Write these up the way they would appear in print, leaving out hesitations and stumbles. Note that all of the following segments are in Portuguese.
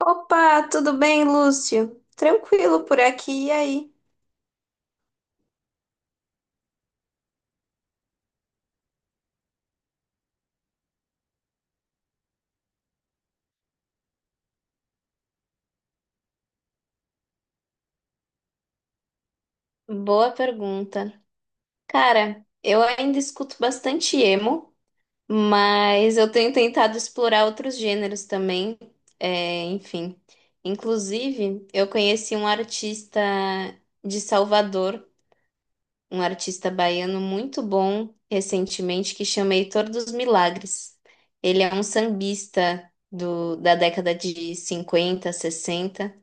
Opa, tudo bem, Lúcio? Tranquilo por aqui, e aí? Boa pergunta. Cara, eu ainda escuto bastante emo, mas eu tenho tentado explorar outros gêneros também, enfim. Inclusive, eu conheci um artista de Salvador, um artista baiano muito bom recentemente, que chama Heitor dos Milagres. Ele é um sambista da década de 50, 60.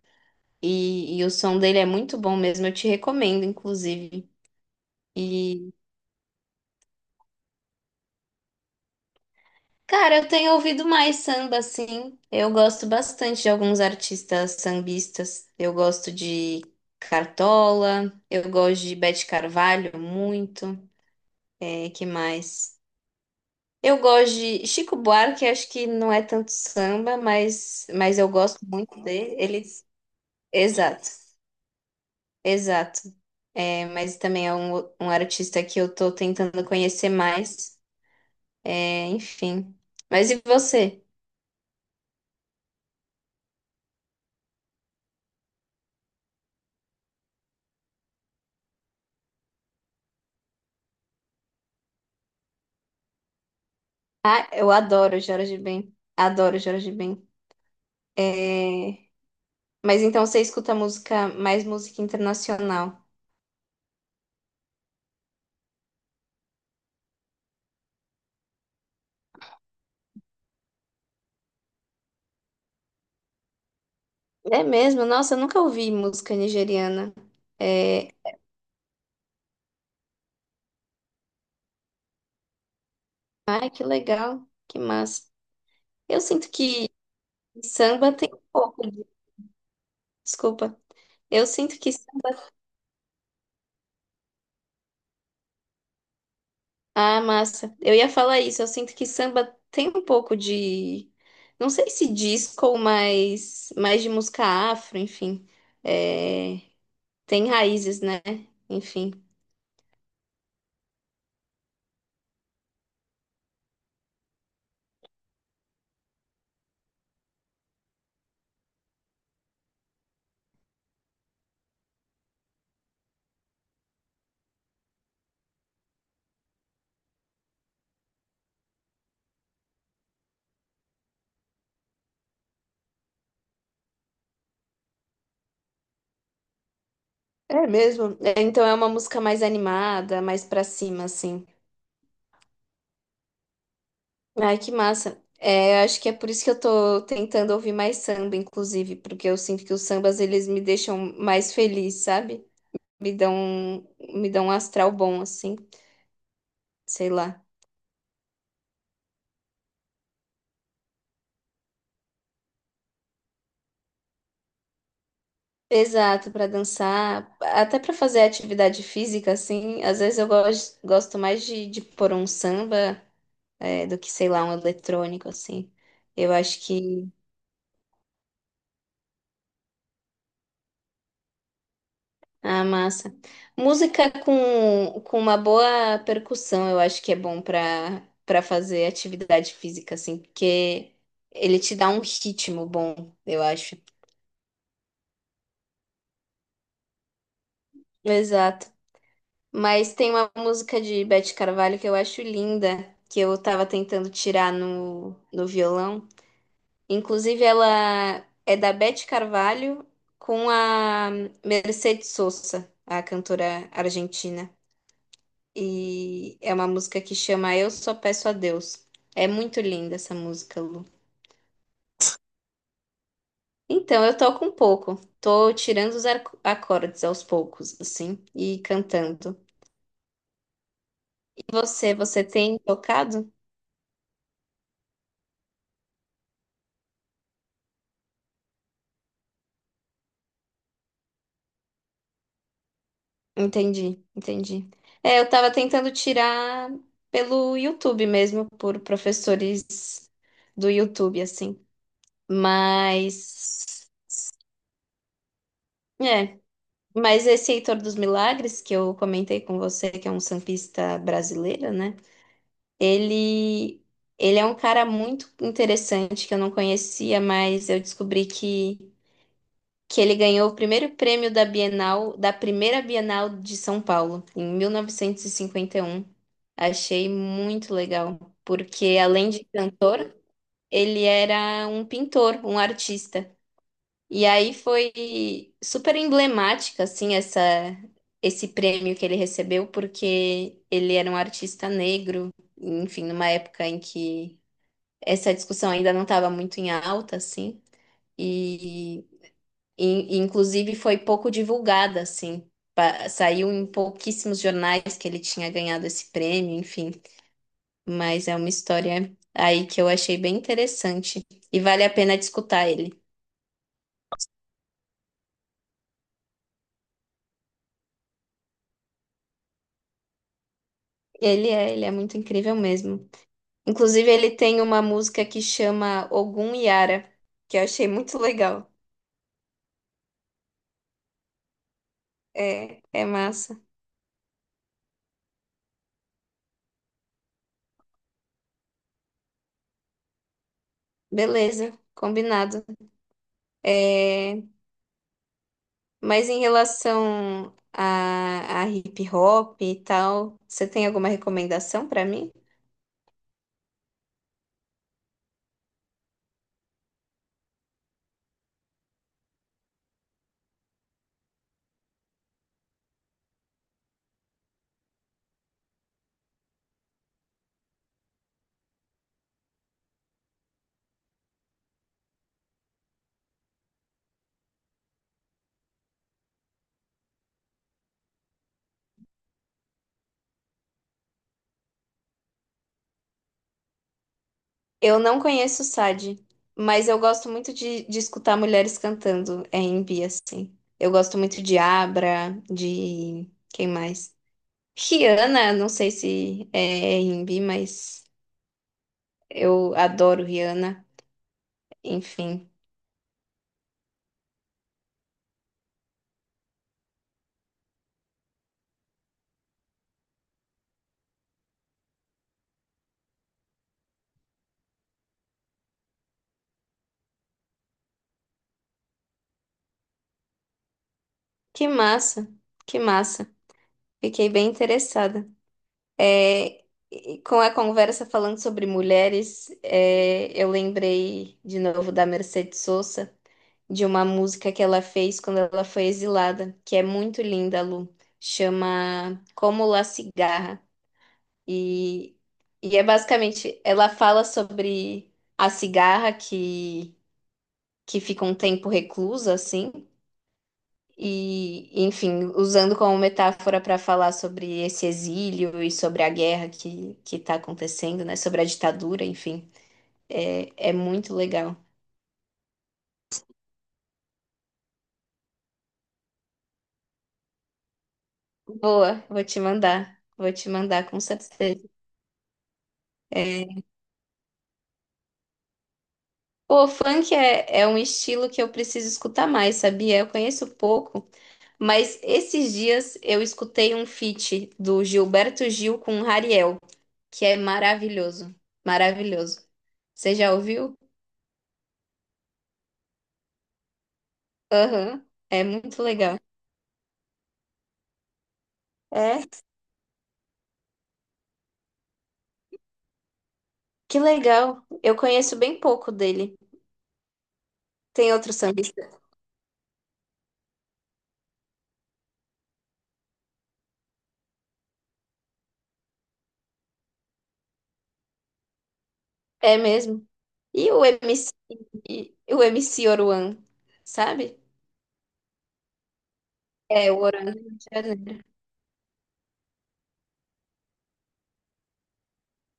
E o som dele é muito bom mesmo, eu te recomendo, inclusive. E, cara, eu tenho ouvido mais samba, assim. Eu gosto bastante de alguns artistas sambistas. Eu gosto de Cartola, eu gosto de Beth Carvalho muito. É, que mais? Eu gosto de Chico Buarque, acho que não é tanto samba, mas eu gosto muito dele. Ele... Exato, exato. É, mas também é um artista que eu tô tentando conhecer mais. Enfim. Mas e você? Ah, eu adoro Jorge Ben. Adoro Jorge Ben. É... Mas então você escuta música, mais música internacional. É mesmo? Nossa, eu nunca ouvi música nigeriana. É... Ai, que legal. Que massa. Eu sinto que samba tem um pouco de... Desculpa. Eu sinto que... Ah, massa. Eu ia falar isso. Eu sinto que samba tem um pouco de... Não sei se disco, mas mais de música afro, enfim. É... Tem raízes, né? Enfim. É mesmo. É, então é uma música mais animada, mais pra cima, assim. Ai, que massa. É, eu acho que é por isso que eu tô tentando ouvir mais samba, inclusive, porque eu sinto que os sambas eles me deixam mais feliz, sabe? Me dão um astral bom, assim, sei lá. Exato, pra dançar, até pra fazer atividade física, assim. Às vezes eu gosto mais de pôr um samba, do que, sei lá, um eletrônico, assim. Eu acho que Ah, massa. Música com uma boa percussão, eu acho que é bom para fazer atividade física, assim, porque ele te dá um ritmo bom, eu acho. Exato. Mas tem uma música de Beth Carvalho que eu acho linda, que eu tava tentando tirar no violão. Inclusive, ela é da Beth Carvalho com a Mercedes Sosa, a cantora argentina. E é uma música que chama Eu Só Peço a Deus. É muito linda essa música, Lu. Então, eu toco um pouco. Tô tirando os acordes aos poucos, assim, e cantando. E você tem tocado? Entendi, entendi. É, eu tava tentando tirar pelo YouTube mesmo, por professores do YouTube, assim. Mas, é, mas esse Heitor dos Milagres, que eu comentei com você, que é um sambista brasileiro, né? Ele, ele é um cara muito interessante que eu não conhecia, mas eu descobri que ele ganhou o primeiro prêmio da Bienal, da primeira Bienal de São Paulo, em mil novecentos e cinquenta e um. Achei muito legal, porque além de cantor, ele era um pintor, um artista. E aí foi super emblemática, assim, essa, esse prêmio que ele recebeu, porque ele era um artista negro enfim, numa época em que essa discussão ainda não estava muito em alta, assim, e, e- inclusive foi pouco divulgada, assim. Saiu em pouquíssimos jornais que ele tinha ganhado esse prêmio, enfim. Mas é uma história aí que eu achei bem interessante e vale a pena de escutar ele. Ele é muito incrível mesmo. Inclusive, ele tem uma música que chama Ogum Yara, que eu achei muito legal. É massa. Beleza, combinado. É, Mas em relação a hip hop e tal, você tem alguma recomendação pra mim? Eu não conheço o Sade, mas eu gosto muito de escutar mulheres cantando é R&B, assim. Eu gosto muito de Abra, de... quem mais? Rihanna, não sei se é R&B, mas eu adoro Rihanna. Enfim, que massa, que massa. Fiquei bem interessada. É, e com a conversa falando sobre mulheres, é, eu lembrei de novo da Mercedes Sosa, de uma música que ela fez quando ela foi exilada, que é muito linda, Lu. Chama Como La Cigarra. E, e é basicamente, ela fala sobre a cigarra que fica um tempo reclusa, assim, e, enfim, usando como metáfora para falar sobre esse exílio e sobre a guerra que está acontecendo, né? Sobre a ditadura, enfim, é muito legal. Boa, vou te mandar com certeza. É, Pô, funk é um estilo que eu preciso escutar mais, sabia? Eu conheço pouco, mas esses dias eu escutei um feat do Gilberto Gil com Rariel, que é maravilhoso, maravilhoso. Você já ouviu? Aham, é muito legal. É, que legal. Eu conheço bem pouco dele. Tem outro sambista? É mesmo. E o MC, e o MC Oruan, sabe? É, o Oruan do Rio de Janeiro.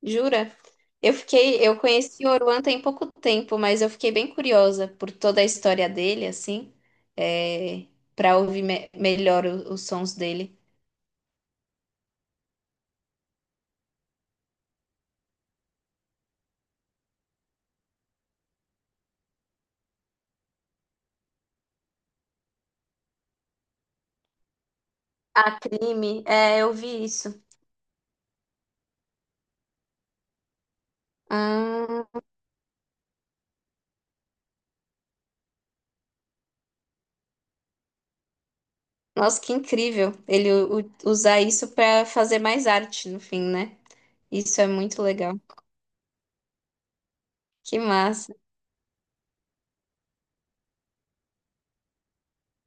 Jura? Eu fiquei, eu conheci o Oruan tem pouco tempo, mas eu fiquei bem curiosa por toda a história dele, assim, é, para ouvir melhor os sons dele. Ah, crime. É, eu vi isso. Ah. Nossa, que incrível ele usar isso para fazer mais arte no fim, né? Isso é muito legal. Que massa.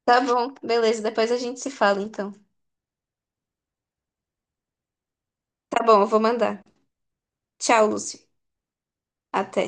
Tá bom, beleza. Depois a gente se fala, então. Tá bom, eu vou mandar. Tchau, Lúcio. Até.